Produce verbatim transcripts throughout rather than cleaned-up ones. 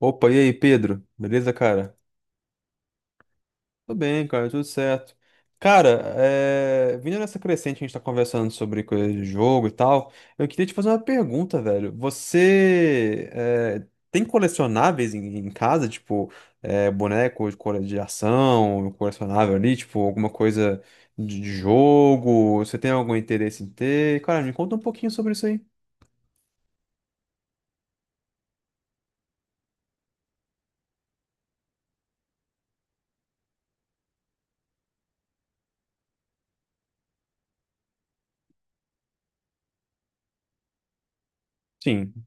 Opa, e aí, Pedro? Beleza, cara? Tudo bem, cara, tudo certo. Cara, é... vindo nessa crescente, a gente tá conversando sobre coisas de jogo e tal. Eu queria te fazer uma pergunta, velho. Você é, tem colecionáveis em, em casa, tipo, é, boneco de cole- de ação, colecionável ali, tipo, alguma coisa de de jogo? Você tem algum interesse em ter? Cara, me conta um pouquinho sobre isso aí. Sim.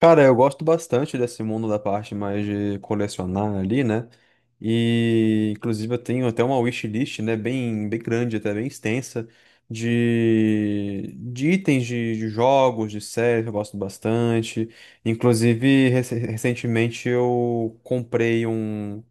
Cara, eu gosto bastante desse mundo da parte mais de colecionar ali, né? E inclusive eu tenho até uma wishlist, né, bem, bem grande, até bem extensa, de, de itens de, de jogos, de séries que eu gosto bastante. Inclusive, rece- recentemente eu comprei um,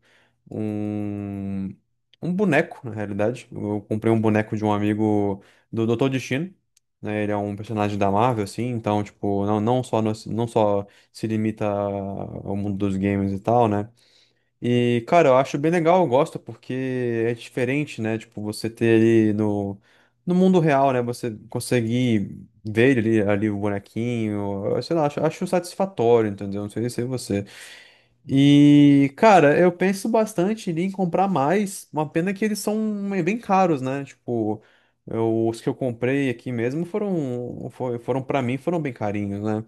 um, um boneco, na realidade. Eu comprei um boneco de um amigo do doutor Destino, né? Ele é um personagem da Marvel, assim, então, tipo, não, não só, no- não só se limita ao mundo dos games e tal, né? E, cara, eu acho bem legal, eu gosto, porque é diferente, né? Tipo, você ter ele no, no mundo real, né? Você conseguir ver ele ali, ali o bonequinho, eu sei lá, acho, acho satisfatório, entendeu? Não sei se é você. E, cara, eu penso bastante em comprar mais. Uma pena que eles são bem caros, né? Tipo, eu- os que eu comprei aqui mesmo foram, foi- foram para mim, foram bem carinhos, né?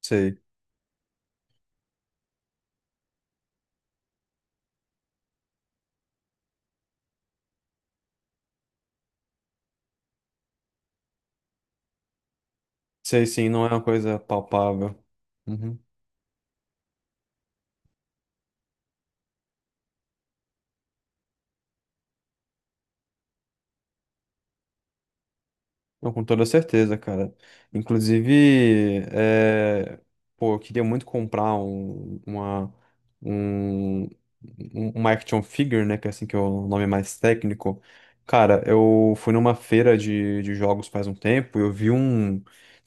Sei, sei sim, não é uma coisa palpável. Uhum. Não, com toda certeza, cara. Inclusive, é, pô, eu queria muito comprar um, uma, um, um- uma action figure, né? Que é assim que é o nome mais técnico. Cara, eu fui numa feira de, de jogos faz um tempo e eu vi um.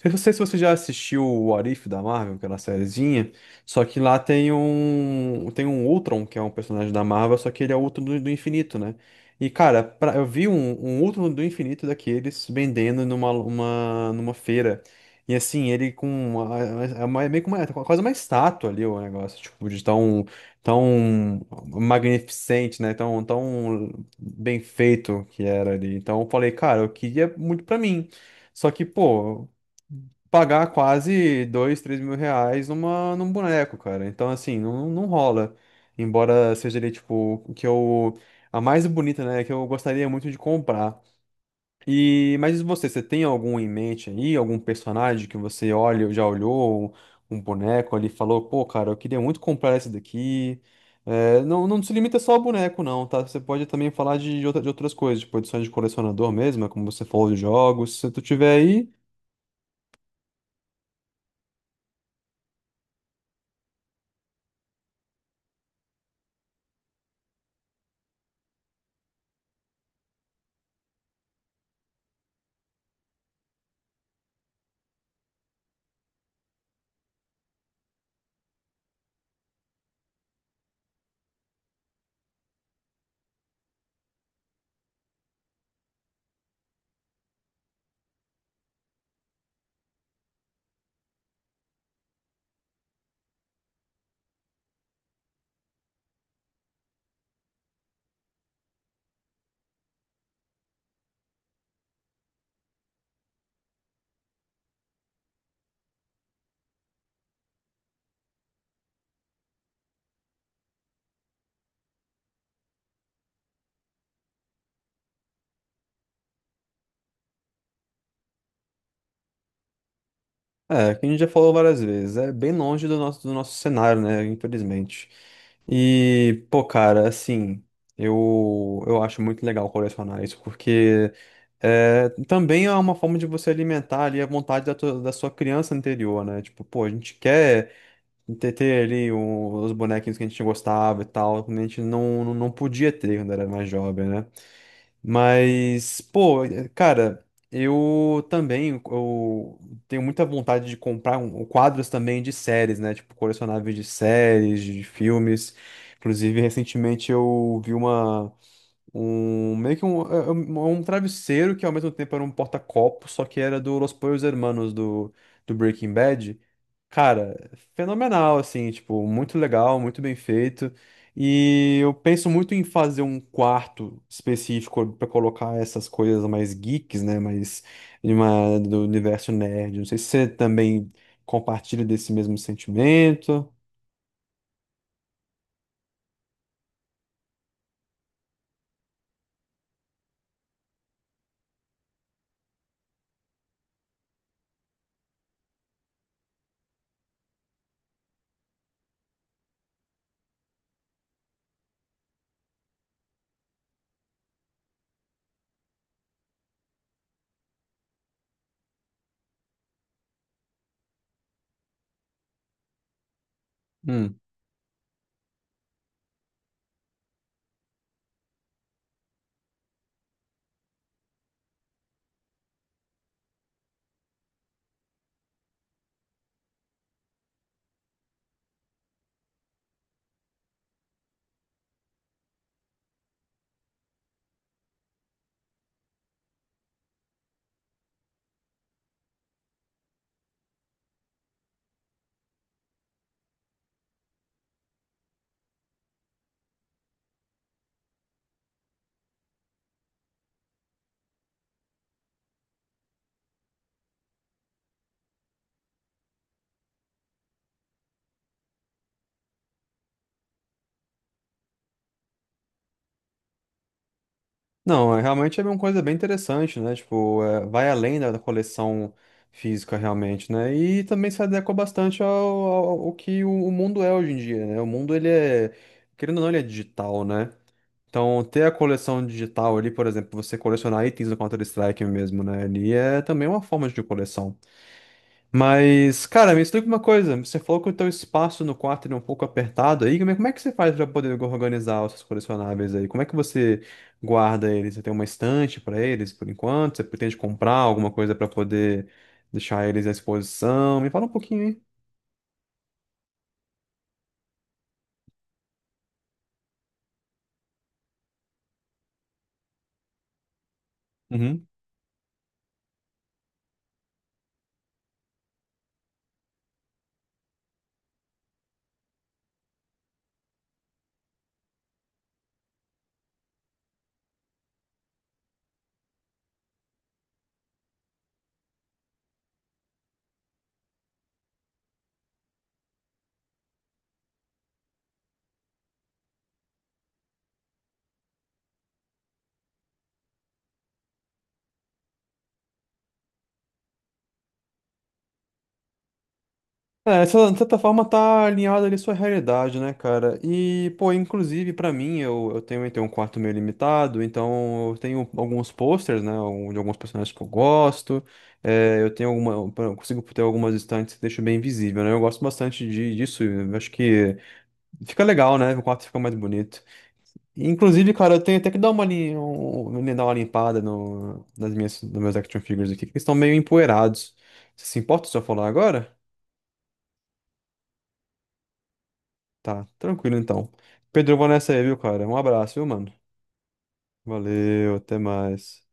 Eu não sei se você já assistiu o What If da Marvel, aquela sériezinha, só que lá tem um, tem um Ultron, que é um personagem da Marvel, só que ele é o Ultron do do infinito, né? E, cara, pra- eu vi um, um outro do infinito daqueles vendendo numa, uma, numa feira. E assim, ele com uma, é é uma- é meio que uma, é quase uma estátua ali o negócio, tipo, de tão, tão magnificente, né? Tão, tão bem feito que era ali. Então eu falei, cara, eu queria muito pra mim. Só que, pô, pagar quase dois, três mil reais numa, num boneco, cara. Então, assim, não, não rola. Embora seja ali, tipo, o que eu. A mais bonita, né? Que eu gostaria muito de comprar. E, mas e você, você tem algum em mente aí? Algum personagem que você olha, ou já olhou, um boneco ali, e falou, pô, cara, eu queria muito comprar esse daqui. É, não, não se limita só ao boneco, não, tá? Você pode também falar de, de outra- de outras coisas, tipo edições de colecionador mesmo, é como você falou de jogos. Se tu tiver aí, é, que a gente já falou várias vezes, é bem longe do nosso, do nosso cenário, né, infelizmente. E, pô, cara, assim, eu, eu acho muito legal colecionar isso, porque é, também é uma forma de você alimentar ali a vontade da, tua- da sua criança anterior, né? Tipo, pô, a gente quer ter, ter ali o- os bonequinhos que a gente gostava e tal, quando a gente não, não não podia ter quando era mais jovem, né? Mas, pô, eh, cara, eu também eu tenho muita vontade de comprar um- quadros também de séries, né? Tipo, colecionáveis de séries, de filmes. Inclusive, recentemente eu vi uma. Um, meio que um, é- é um, é um travesseiro que ao mesmo tempo era um porta-copo, só que era do Los Pollos Hermanos do, do Breaking Bad. Cara, fenomenal, assim, tipo, muito legal, muito bem feito. E eu penso muito em fazer um quarto específico pra colocar essas coisas mais geeks, né? Mais de uma- do universo nerd. Não sei se você também compartilha desse mesmo sentimento. Não, é- realmente é uma coisa bem interessante, né? Tipo, é, vai além da da coleção física realmente, né? E também se adequa bastante ao, ao- ao que o, o mundo é hoje em dia, né? O mundo, ele é, querendo ou não, ele é digital, né? Então, ter a coleção digital ali, por exemplo, você colecionar itens do Counter-Strike mesmo, né? Ali é também uma forma de coleção. Mas, cara, me explica uma coisa. Você falou que o teu espaço no quarto ele é um pouco apertado aí. Como é, como é que você faz para poder organizar os seus colecionáveis aí? Como é que você guarda eles? Você tem uma estante para eles por enquanto? Você pretende comprar alguma coisa para poder deixar eles à exposição? Me fala um pouquinho aí. É, essa, de certa forma tá alinhada ali à sua realidade, né, cara? E, pô, inclusive pra mim, eu, eu tenho, eu tenho um quarto meio limitado, então eu tenho alguns posters, né, um- de alguns personagens que eu gosto, é, eu tenho alguma, eu consigo ter algumas estantes que deixam bem visível, né? Eu gosto bastante de, disso, eu acho que fica legal, né? O quarto fica mais bonito. E, inclusive, cara, eu tenho até que dar uma, lim- um, um, dar uma limpada no, nas minhas, nos meus action figures aqui, que eles estão meio empoeirados. Você se importa se eu falar agora? Tá, tranquilo então. Pedro, eu vou nessa aí, viu, cara? Um abraço, viu, mano? Valeu, até mais.